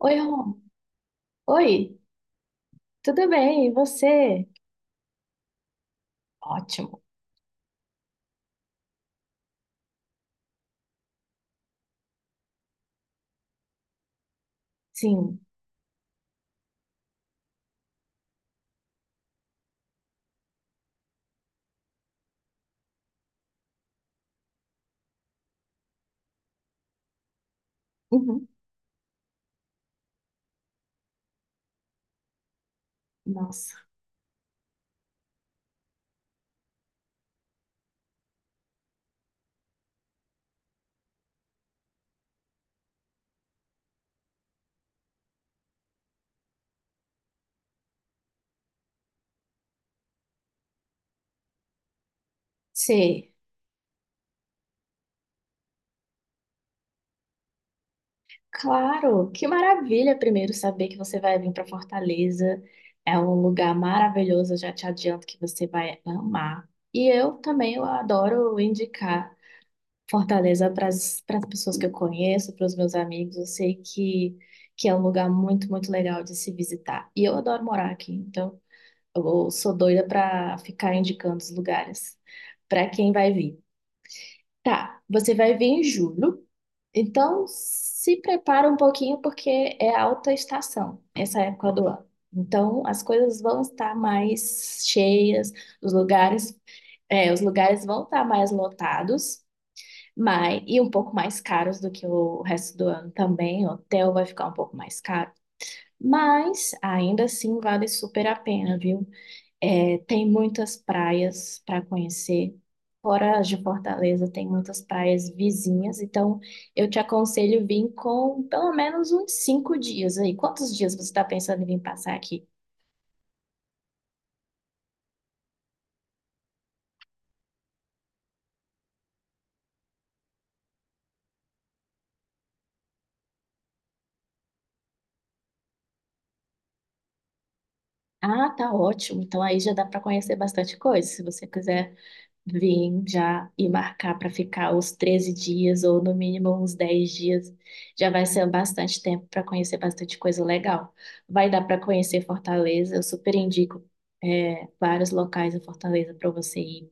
Oi, Rô. Oi, tudo bem? E você? Ótimo. Sim. Uhum. Nossa. Sei. Claro, que maravilha primeiro saber que você vai vir para Fortaleza. É um lugar maravilhoso, eu já te adianto que você vai amar. E eu também eu adoro indicar Fortaleza para as pessoas que eu conheço, para os meus amigos. Eu sei que é um lugar muito, muito legal de se visitar. E eu adoro morar aqui, então. Eu sou doida pra ficar indicando os lugares pra quem vai vir. Tá, você vai vir em julho, então se prepara um pouquinho porque é alta estação essa época do ano. Então as coisas vão estar mais cheias, os lugares, é, os lugares vão estar mais lotados, mas e um pouco mais caros do que o resto do ano também. O hotel vai ficar um pouco mais caro. Mas ainda assim vale super a pena, viu? É, tem muitas praias para conhecer. Fora as de Fortaleza, tem muitas praias vizinhas. Então, eu te aconselho vir com pelo menos uns 5 dias aí. Quantos dias você está pensando em vir passar aqui? Ah, tá ótimo. Então, aí já dá para conhecer bastante coisa. Se você quiser vim já e marcar para ficar os 13 dias ou no mínimo uns 10 dias. Já vai ser bastante tempo para conhecer bastante coisa legal. Vai dar para conhecer Fortaleza, eu super indico vários locais em Fortaleza para você ir,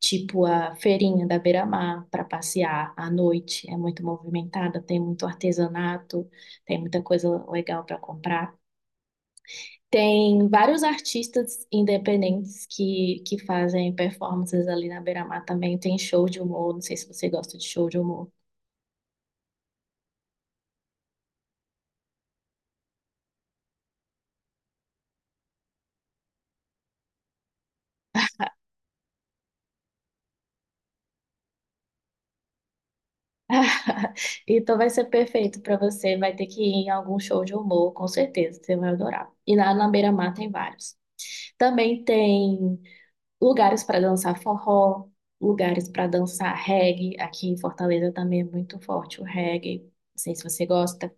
tipo a feirinha da Beira-Mar para passear à noite. É muito movimentada, tem muito artesanato, tem muita coisa legal para comprar. Tem vários artistas independentes que fazem performances ali na Beira-Mar também. Tem show de humor, não sei se você gosta de show de humor. Então vai ser perfeito para você. Vai ter que ir em algum show de humor, com certeza, você vai adorar. E lá na Beira-Mar tem vários. Também tem lugares para dançar forró, lugares para dançar reggae. Aqui em Fortaleza também é muito forte o reggae. Não sei se você gosta.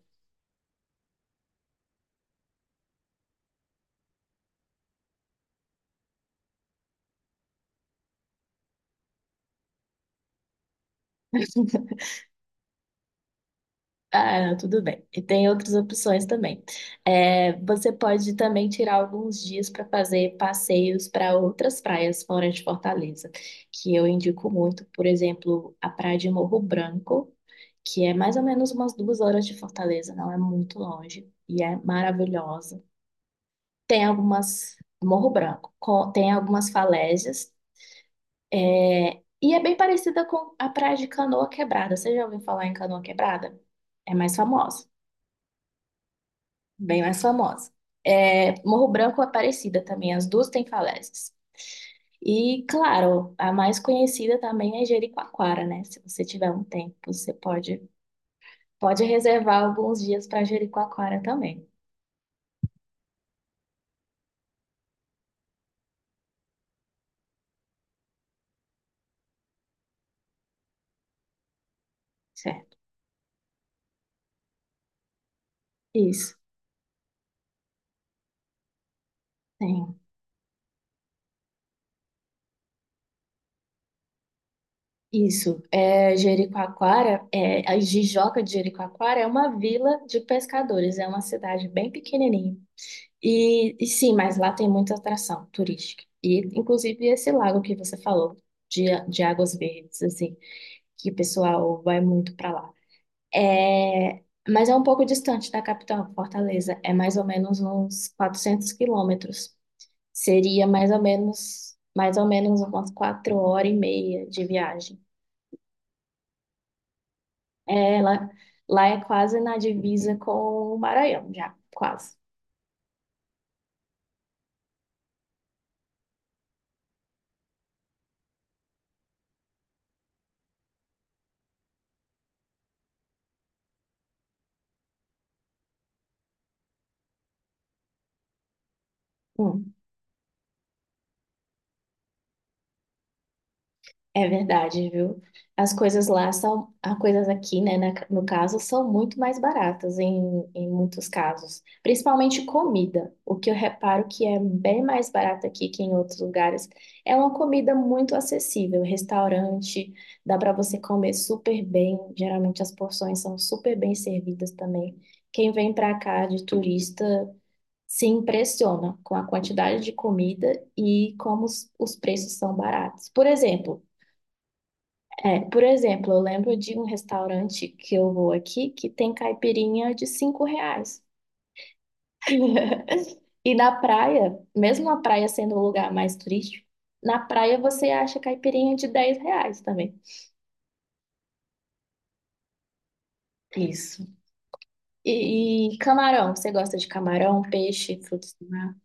Ah, tudo bem. E tem outras opções também. É, você pode também tirar alguns dias para fazer passeios para outras praias fora de Fortaleza, que eu indico muito, por exemplo, a praia de Morro Branco, que é mais ou menos umas 2 horas de Fortaleza, não é muito longe, e é maravilhosa. Tem algumas, Morro Branco, tem algumas falésias, e é bem parecida com a praia de Canoa Quebrada. Você já ouviu falar em Canoa Quebrada? É mais famosa. Bem mais famosa. É, Morro Branco e Aparecida também, as duas têm falésias. E, claro, a mais conhecida também é Jericoacoara, né? Se você tiver um tempo, pode reservar alguns dias para Jericoacoara também, certo? Isso, tem. Isso, Jericoacoara, a Jijoca de Jericoacoara é uma vila de pescadores, é uma cidade bem pequenininha. E sim, mas lá tem muita atração turística. E, inclusive, esse lago que você falou, de, de águas verdes, assim, que o pessoal vai muito para lá. É, mas é um pouco distante da capital, Fortaleza. É mais ou menos uns 400 quilômetros. Seria mais ou menos umas 4 horas e meia de viagem. É, lá é quase na divisa com o Maranhão, já, quase. Hum. É verdade, viu? As coisas aqui, né, na- no caso, são muito mais baratas em muitos casos, principalmente comida. O que eu reparo que é bem mais barato aqui que em outros lugares é uma comida muito acessível, restaurante, dá para você comer super bem, geralmente as porções são super bem servidas também. Quem vem para cá de turista se impressiona com a quantidade de comida e como os preços são baratos. Por exemplo, eu lembro de um restaurante que eu vou aqui que tem caipirinha de R$ 5. E na praia, mesmo a praia sendo o lugar mais turístico, na praia você acha caipirinha de R$ 10 também. Isso. E camarão, você gosta de camarão, peixe, frutos do mar?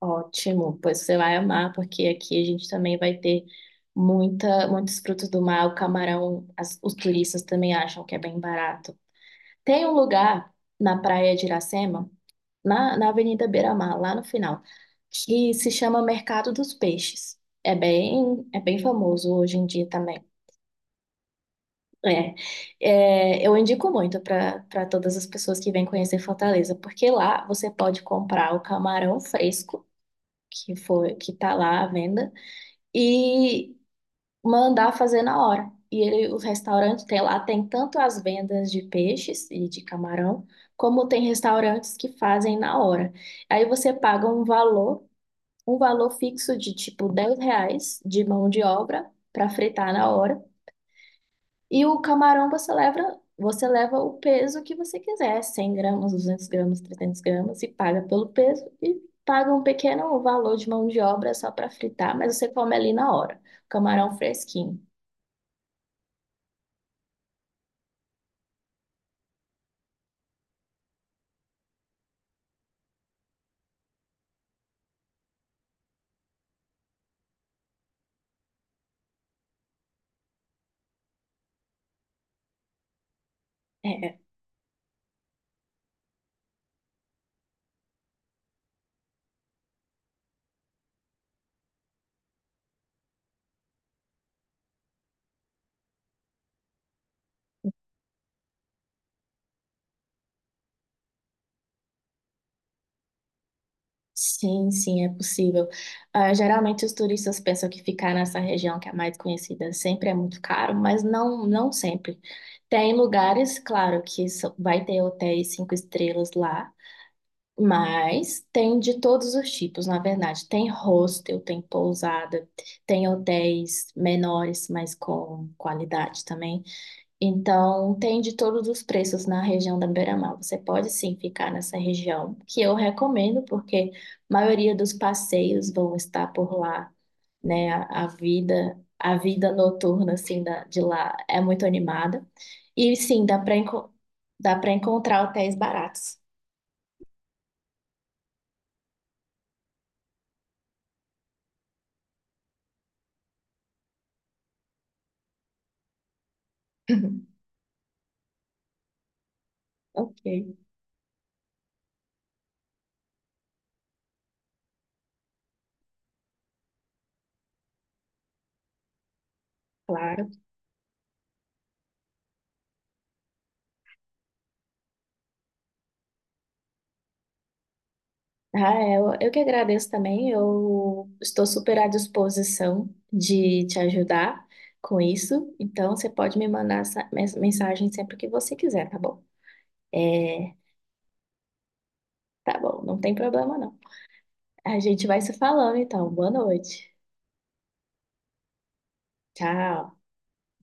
Ótimo, pois você vai amar, porque aqui a gente também vai ter muita, muitos frutos do mar. O camarão, as- os turistas também acham que é bem barato. Tem um lugar na praia de Iracema, na Avenida Beira-Mar, lá no final, que se chama Mercado dos Peixes. É bem famoso hoje em dia também. É, eu indico muito para todas as pessoas que vêm conhecer Fortaleza, porque lá você pode comprar o camarão fresco, que foi que tá lá à venda, e mandar fazer na hora. E ele, o restaurante tem lá, tem tanto as vendas de peixes e de camarão, como tem restaurantes que fazem na hora. Aí você paga um valor fixo de tipo R$ 10 de mão de obra para fritar na hora. E o camarão você leva, o peso que você quiser, 100 gramas, 200 gramas, 300 gramas, e paga pelo peso e paga um pequeno valor de mão de obra só para fritar, mas você come ali na hora. Camarão fresquinho. É, sim, sim, é possível. Ah, geralmente os turistas pensam que ficar nessa região que é mais conhecida sempre é muito caro, mas não, não sempre. Tem lugares, claro, que só- vai ter hotéis 5 estrelas lá, mas tem de todos os tipos, na verdade. Tem hostel, tem pousada, tem hotéis menores, mas com qualidade também. Então, tem de todos os preços na região da Beira-Mar. Você pode sim ficar nessa região, que eu recomendo, porque a maioria dos passeios vão estar por lá, né? A vida noturna assim de lá é muito animada. E sim, dá para encontrar hotéis baratos. Ok, claro. Ah, é, eu que agradeço também. Eu estou super à disposição de te ajudar com isso. Então, você pode me mandar essa mensagem sempre que você quiser, tá bom? É, tá bom, não tem problema não. A gente vai se falando então. Boa noite. Tchau.